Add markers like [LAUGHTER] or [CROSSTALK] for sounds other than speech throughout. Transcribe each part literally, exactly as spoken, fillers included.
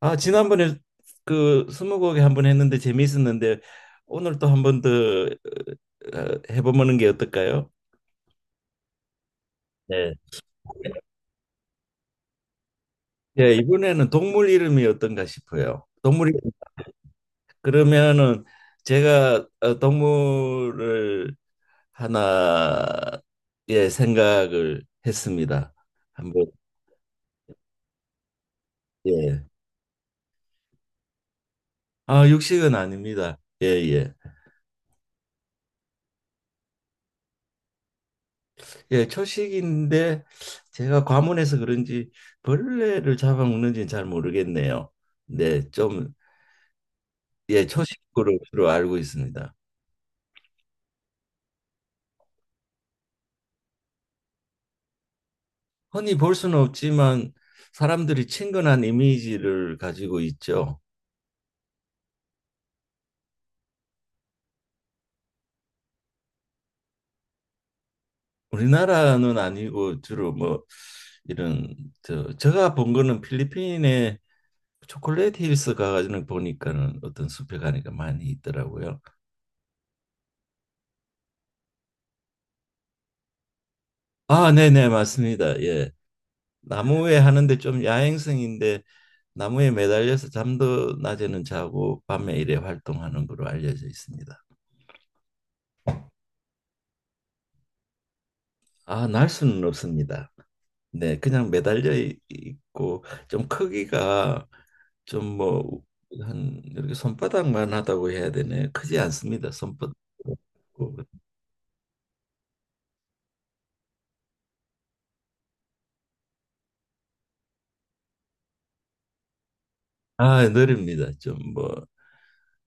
아, 지난번에 그 스무고개 한번 했는데 재미있었는데 오늘 또 한 번더 어, 해보는 게 어떨까요? 네. 예, 이번에는 동물 이름이 어떤가 싶어요. 동물이 그러면은 제가 어, 동물을 하나 예 생각을 했습니다. 한번 예. 아, 육식은 아닙니다. 예, 예. 예, 초식인데 제가 과문해서 그런지 벌레를 잡아먹는지는 잘 모르겠네요. 네, 좀 예, 초식으로 주로 알고 있습니다. 흔히 볼 수는 없지만 사람들이 친근한 이미지를 가지고 있죠. 우리나라는 아니고 주로 뭐 이런 저 제가 본 거는 필리핀의 초콜릿 힐스 가가지고 보니까는 어떤 숲에 가니까 많이 있더라고요. 아, 네네, 맞습니다. 예. 나무에 하는데 좀 야행성인데 나무에 매달려서 잠도 낮에는 자고 밤에 일에 활동하는 걸로 알려져 있습니다. 아, 날 수는 없습니다. 네, 그냥 매달려 이- 있고 좀 크기가 좀 뭐 한 이렇게 손바닥만 하다고 해야 되네. 크지 않습니다. 손바닥. 아, 느립니다. 좀 뭐,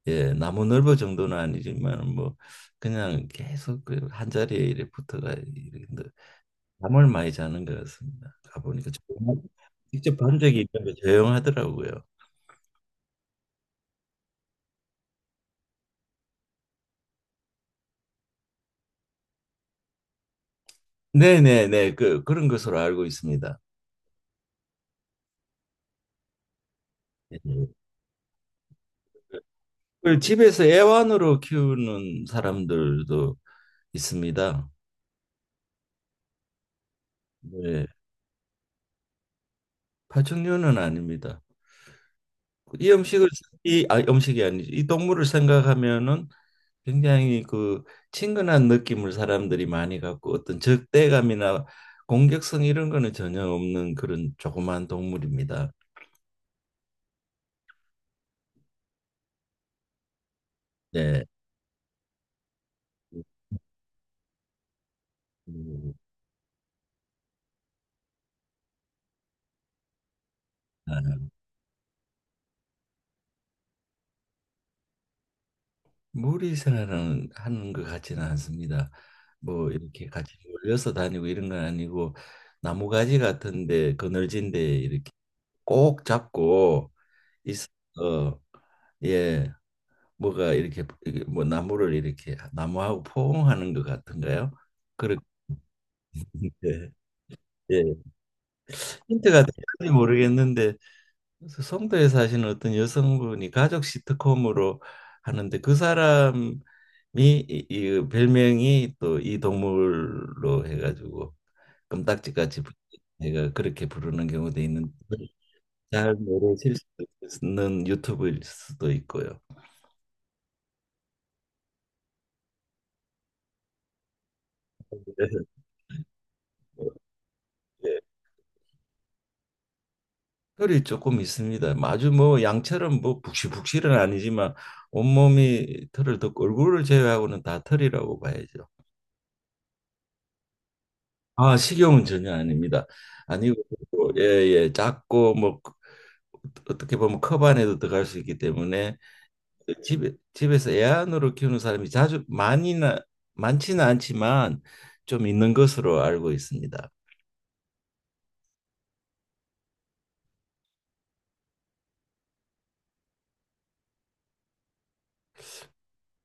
예, 나무 넓어 정도는 아니지만 뭐 그냥 계속 그한 자리에 이렇게 붙어가 이렇게 늘- 잠을 많이 자는 것 같습니다. 가보니까 조용하- 직접 본 적이 있는데 조용하더라고요. 네네네 그 그런 것으로 알고 있습니다. 예. 그 집에서 애완으로 키우는 사람들도 있습니다. 네, 파충류는 아닙니다. 이 음식을 이 아, 음식이 아니죠. 이 동물을 생각하면은 굉장히 그 친근한 느낌을 사람들이 많이 갖고 어떤 적대감이나 공격성 이런 거는 전혀 없는 그런 조그만 동물입니다. 네. 음, 나 무리 생활은 하는 것 같지는 않습니다. 뭐 이렇게 같이 몰려서 다니고 이런 건 아니고 나무가지 같은데 그늘진데 이렇게 꼭 잡고 있어. 어, 예, 뭐가 이렇게 이게 뭐 나무를 이렇게 나무하고 포옹하는 것 같은가요? 그렇게 예 힌트가 될지 모르겠는데 그래서 송도에 사시는 어떤 여성분이 가족 시트콤으로 하는데 그 사람이 이, 이 별명이 또 이 동물로 해가지고 껌딱지같이 부- 내가 그렇게 부르는 경우도 있는데 잘 모르실 수도 있는 유튜브일 수도 있고요. 그래서 뭐, 예, 혈이 조금 있습니다. 아주 뭐 양처럼 뭐 북실북실은 아니지만 온몸이 털을 덮고 얼굴을 제외하고는 다 털이라고 봐야죠. 아, 식용은 전혀 아닙니다. 아니고 예, 예, 작고 뭐 어떻게 보면 컵 안에도 들어갈 수 있기 때문에 집에 집에서 애완으로 키우는 사람이 자주 많이나 많지는 않지만 좀 있는 것으로 알고 있습니다.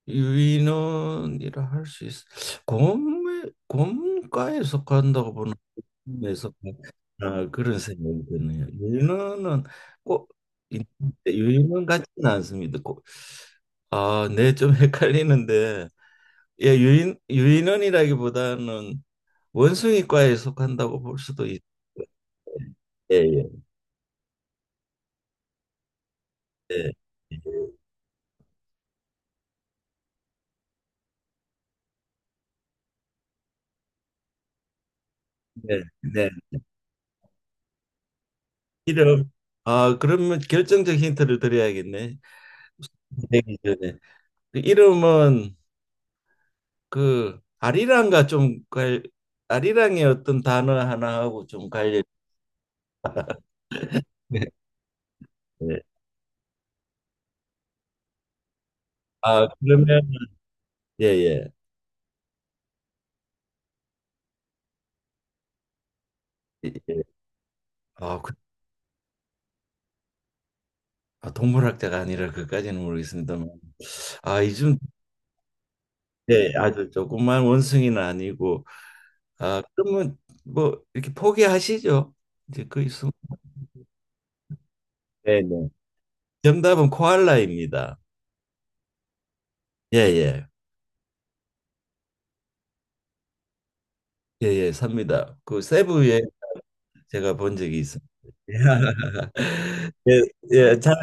유인원이라 할 수 있어. 곰에 곰과에 속한다고 보는 에서 아, 그런 생각이 드네요. 유인원은 꼭 있는데 유인원 같지는 않습니다. 꼭, 아, 네, 좀 [LAUGHS] 헷갈리는데 예, 유인 유인원이라기보다는 원숭이과에 속한다고 볼 수도 있. 예, 예, 예, 예, 네, 네. 이름 아 그러면 결정적 힌트를 드려야겠네. 되기 전에 그 이름은 그 아리랑과 좀 갈, 아리랑의 어떤 단어 하나하고 좀 관련. 네. 네. 아 그러면 예예. 예. 예. 아, 그, 아, 동물학자가 아니라 그까지는 모르겠습니다만, 아 이쯤 예 아주 조그만 원숭이는 아니고, 아 그러면 뭐 이렇게 포기하시죠? 이제 거의 숨. 네네. 정답은 코알라입니다. 예예. 예예. 삽니다. 그 세부에 제가 본 적이 있습니다. [LAUGHS] 예, 예, 잘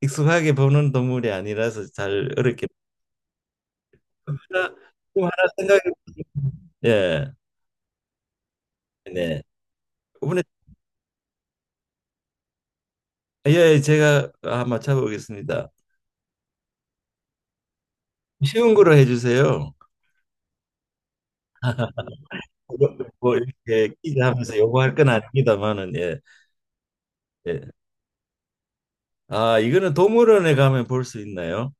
익숙하게 보는 동물이 아니라서 잘 어렵게. 하나, 좀 하나 생각해 보세요. 예, 네. 예, 예, 제가 아, 맞춰보겠습니다. 쉬운 거로 해주세요. 뭐 이렇게 퀴즈 하면서 요구할 건 아닙니다만은 예, 예. 아, 이거는 동물원에 가면 볼 수 있나요?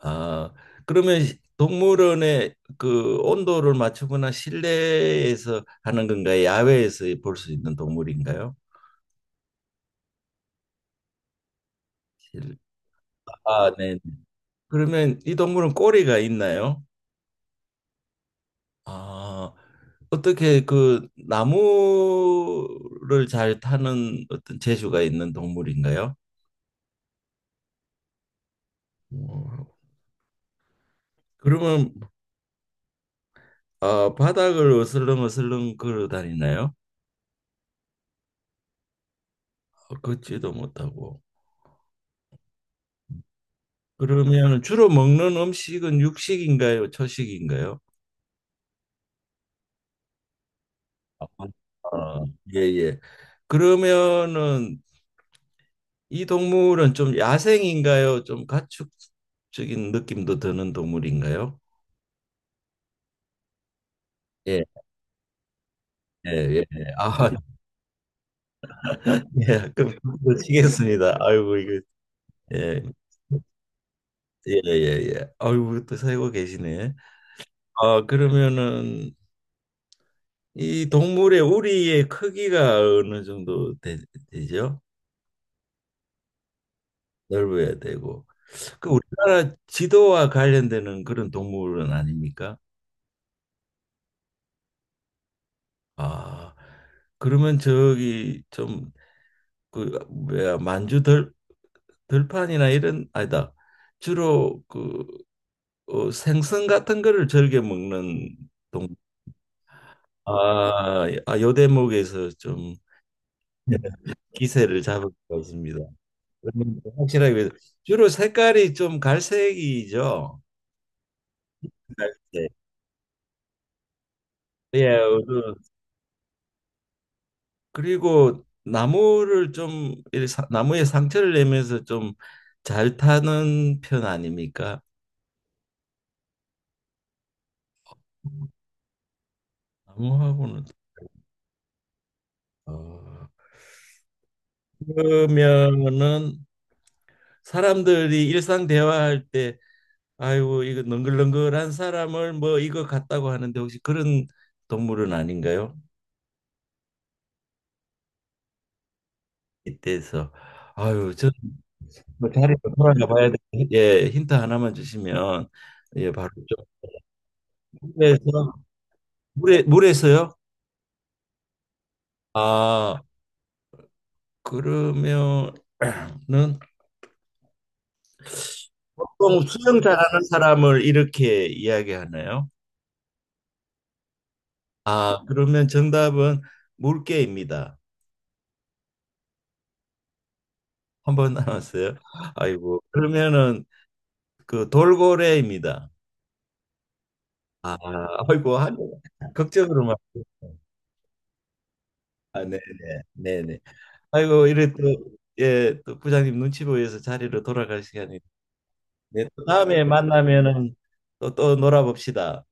아, 그러면 동물원의 그 온도를 맞추거나 실내에서 하는 건가요? 야외에서 볼 수 있는 동물인가요? 실- 아, 네. 네. 그러면 이 동물은 꼬리가 있나요? 아, 어떻게 그 나무를 잘 타는 어떤 재주가 있는 동물인가요? 어, 그러면 어, 바닥을 어슬렁어슬렁 걸어 다니나요? 어, 걷지도 못하고. 그러면 주로 먹는 음식은 육식인가요? 초식인가요? 아, 어, 예, 예. 그러면은 이 동물은 좀 야생인가요? 좀 가축적인 느낌도 드는 동물인가요? 예, 예, 예. 아, 예, 그럼 치겠습니다. 아이고 이거 예. 예, 예, 예. 아이고 또 살고 계시네. 아, 그러면은 이 동물의 우리의 크기가 어느 정도 되, 죠 넓어야 되고. 그 우리나라 지도와 관련되는 그런 동물은 아닙니까? 아, 그러면 저기 좀그 뭐야 만주 들 들판이나 이런 아니다. 주로 그 어, 생선 같은 거를 즐겨 먹는 아, 아, 요 대목에서 좀 네. 기세를 잡을 것 같습니다. 그러면 확실하게 주로 색깔이 좀 갈색이죠. 갈색. 예, 그- 그리고 나무를 좀 이렇게 사- 나무에 상처를 내면서 좀 잘 타는 편 아닙니까? 나무하고는 어, 그러면은 사람들이 일상 대화할 때 아이고 이거 능글능글한 사람을 뭐 이거 같다고 하는데 혹시 그런 동물은 아닌가요? 이때에서 아유 저뭐 자리로 돌아가 봐야 돼. 예 힌트 하나만 주시면 예 바로 좀 물에서 물에 물에서요? 아 그러면은 보통 수영 잘하는 사람을 이렇게 이야기하나요? 아 그러면 정답은 물개입니다. 한 번 남았어요. [LAUGHS] 아이고 그러면은 그 돌고래입니다. 아, 아이고, 한, 걱정으로 막. 아, 네네, 네네. 아이고, 이래 또, 예, 또 부장님 눈치 보여서 자리로 돌아갈 시간이. 네, 또 다음에 만나면은 또, 또 놀아봅시다.